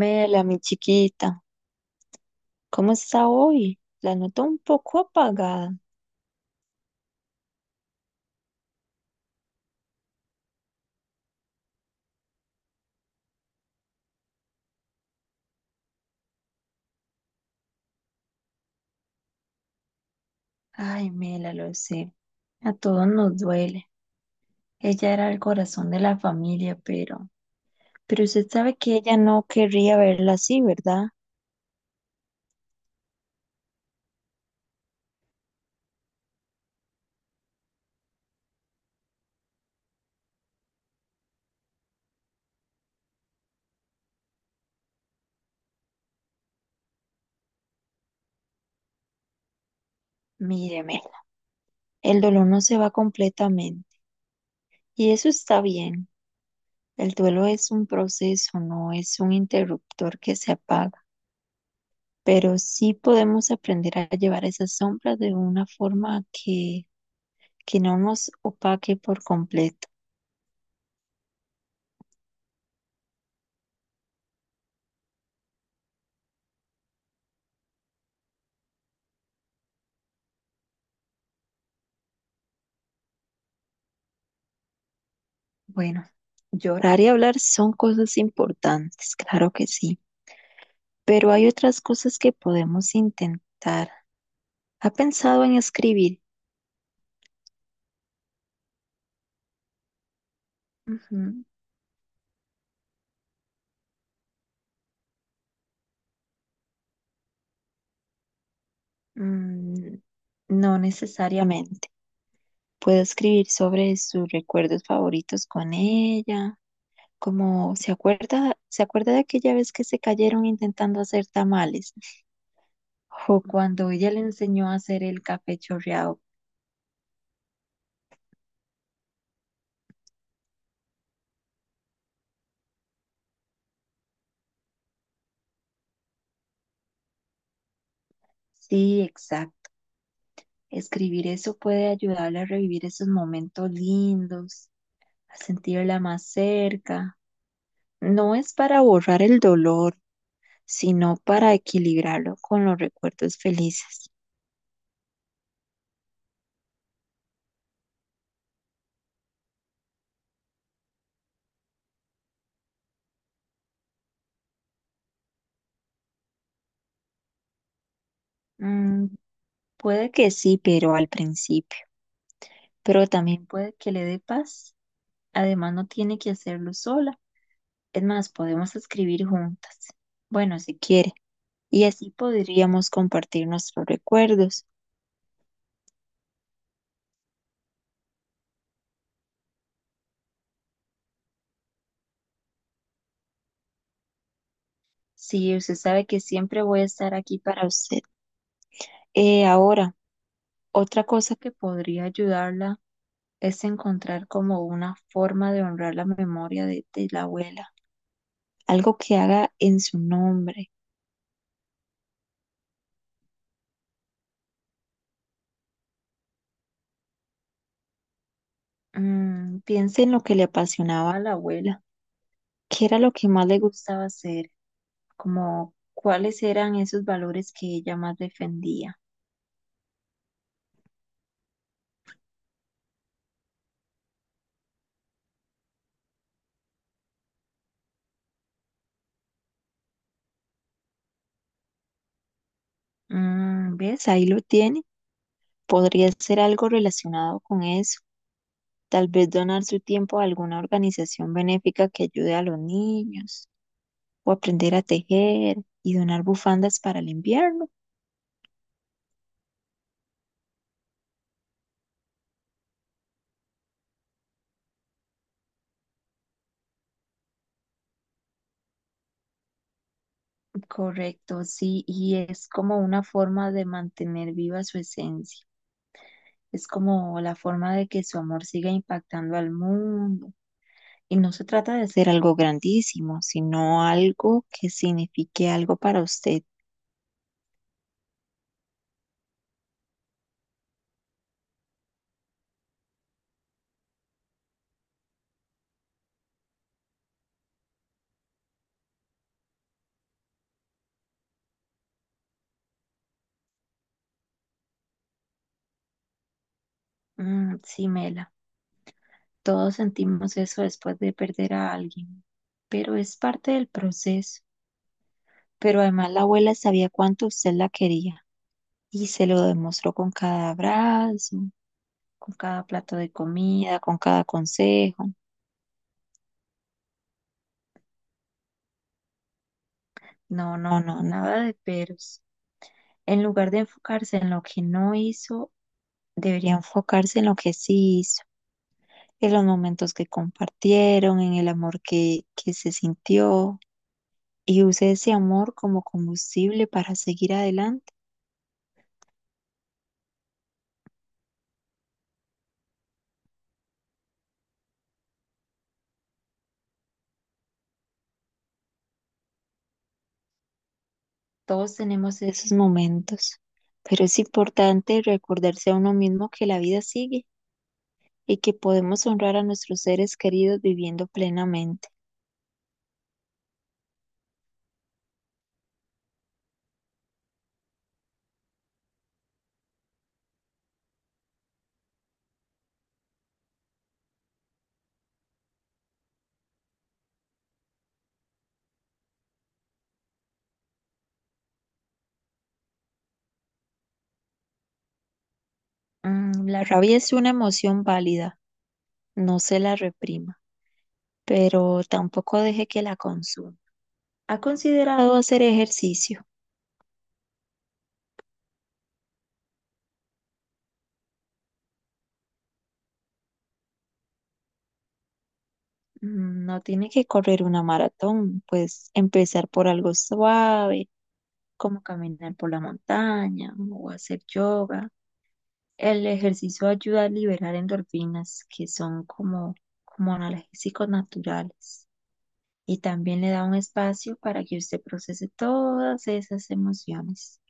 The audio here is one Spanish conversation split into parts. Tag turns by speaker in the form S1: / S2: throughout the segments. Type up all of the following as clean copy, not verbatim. S1: Mela, mi chiquita, ¿cómo está hoy? La noto un poco apagada. Ay, Mela, lo sé. A todos nos duele. Ella era el corazón de la familia, pero usted sabe que ella no querría verla así, ¿verdad? Mire, Mela, el dolor no se va completamente. Y eso está bien. El duelo es un proceso, no es un interruptor que se apaga. Pero sí podemos aprender a llevar esas sombras de una forma que no nos opaque por completo. Bueno, llorar y hablar son cosas importantes, claro que sí, pero hay otras cosas que podemos intentar. ¿Ha pensado en escribir? Ujú, mm, no necesariamente. Puedo escribir sobre sus recuerdos favoritos con ella, como se acuerda de aquella vez que se cayeron intentando hacer tamales, o cuando ella le enseñó a hacer el café chorreado. Sí, exacto. Escribir eso puede ayudarle a revivir esos momentos lindos, a sentirla más cerca. No es para borrar el dolor, sino para equilibrarlo con los recuerdos felices. Mm, puede que sí, pero al principio. Pero también puede que le dé paz. Además, no tiene que hacerlo sola. Es más, podemos escribir juntas. Bueno, si quiere. Y así podríamos compartir nuestros recuerdos. Sí, usted sabe que siempre voy a estar aquí para usted. Ahora, otra cosa que podría ayudarla es encontrar como una forma de honrar la memoria de la abuela, algo que haga en su nombre. Mm, piense en lo que le apasionaba a la abuela, qué era lo que más le gustaba hacer, como cuáles eran esos valores que ella más defendía. Mm, ¿ves? Ahí lo tiene. Podría ser algo relacionado con eso. Tal vez donar su tiempo a alguna organización benéfica que ayude a los niños, o aprender a tejer y donar bufandas para el invierno. Correcto, sí, y es como una forma de mantener viva su esencia. Es como la forma de que su amor siga impactando al mundo. Y no se trata de hacer algo grandísimo, sino algo que signifique algo para usted. Mm, sí, Mela, todos sentimos eso después de perder a alguien, pero es parte del proceso. Pero además la abuela sabía cuánto usted la quería. Y se lo demostró con cada abrazo, con cada plato de comida, con cada consejo. No, no, no, nada de peros. En lugar de enfocarse en lo que no hizo, debería enfocarse en lo que sí hizo, en los momentos que compartieron, en el amor que se sintió, y use ese amor como combustible para seguir adelante. Todos tenemos esos momentos, pero es importante recordarse a uno mismo que la vida sigue y que podemos honrar a nuestros seres queridos viviendo plenamente. La rabia es una emoción válida, no se la reprima, pero tampoco deje que la consuma. ¿Ha considerado hacer ejercicio? Mm, no tiene que correr una maratón, pues empezar por algo suave, como caminar por la montaña o hacer yoga. El ejercicio ayuda a liberar endorfinas, que son como analgésicos naturales, y también le da un espacio para que usted procese todas esas emociones.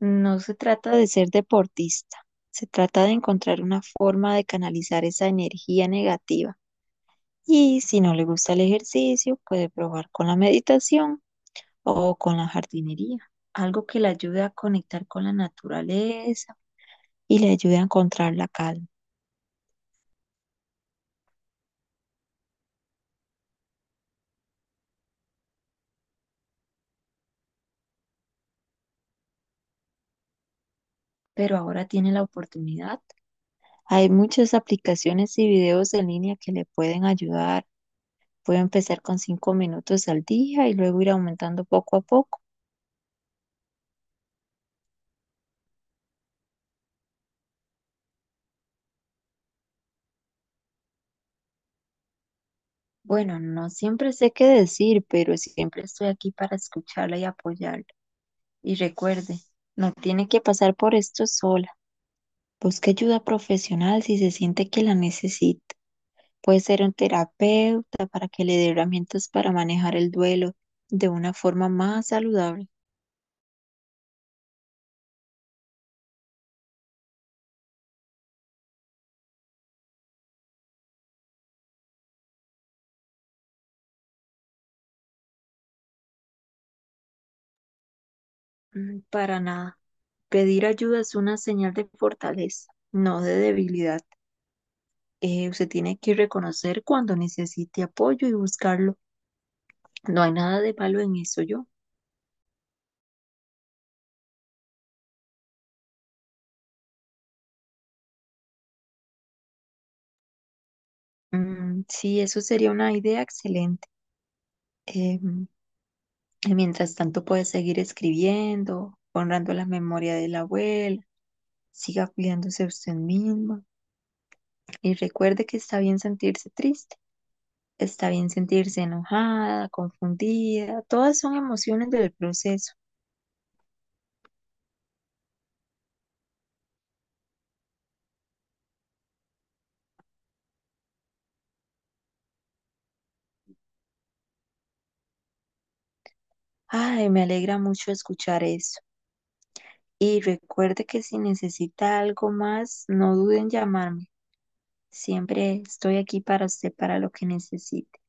S1: No se trata de ser deportista, se trata de encontrar una forma de canalizar esa energía negativa. Y si no le gusta el ejercicio, puede probar con la meditación o con la jardinería, algo que le ayude a conectar con la naturaleza y le ayude a encontrar la calma. Pero ahora tiene la oportunidad. Hay muchas aplicaciones y videos en línea que le pueden ayudar. Puedo empezar con 5 minutos al día y luego ir aumentando poco a poco. Bueno, no siempre sé qué decir, pero siempre estoy aquí para escucharla y apoyarla. Y recuerde, no tiene que pasar por esto sola. Busque ayuda profesional si se siente que la necesita. Puede ser un terapeuta para que le dé herramientas para manejar el duelo de una forma más saludable. Mm, para nada. Pedir ayuda es una señal de fortaleza, no de debilidad. Usted tiene que reconocer cuando necesite apoyo y buscarlo. No hay nada de malo en eso, yo. Mm, sí, eso sería una idea excelente. Eh, y mientras tanto, puede seguir escribiendo, honrando la memoria de la abuela. Siga cuidándose usted misma y recuerde que está bien sentirse triste, está bien sentirse enojada, confundida. Todas son emociones del proceso. Ay, me alegra mucho escuchar eso. Y recuerde que si necesita algo más, no duden en llamarme. Siempre estoy aquí para usted, para lo que necesite.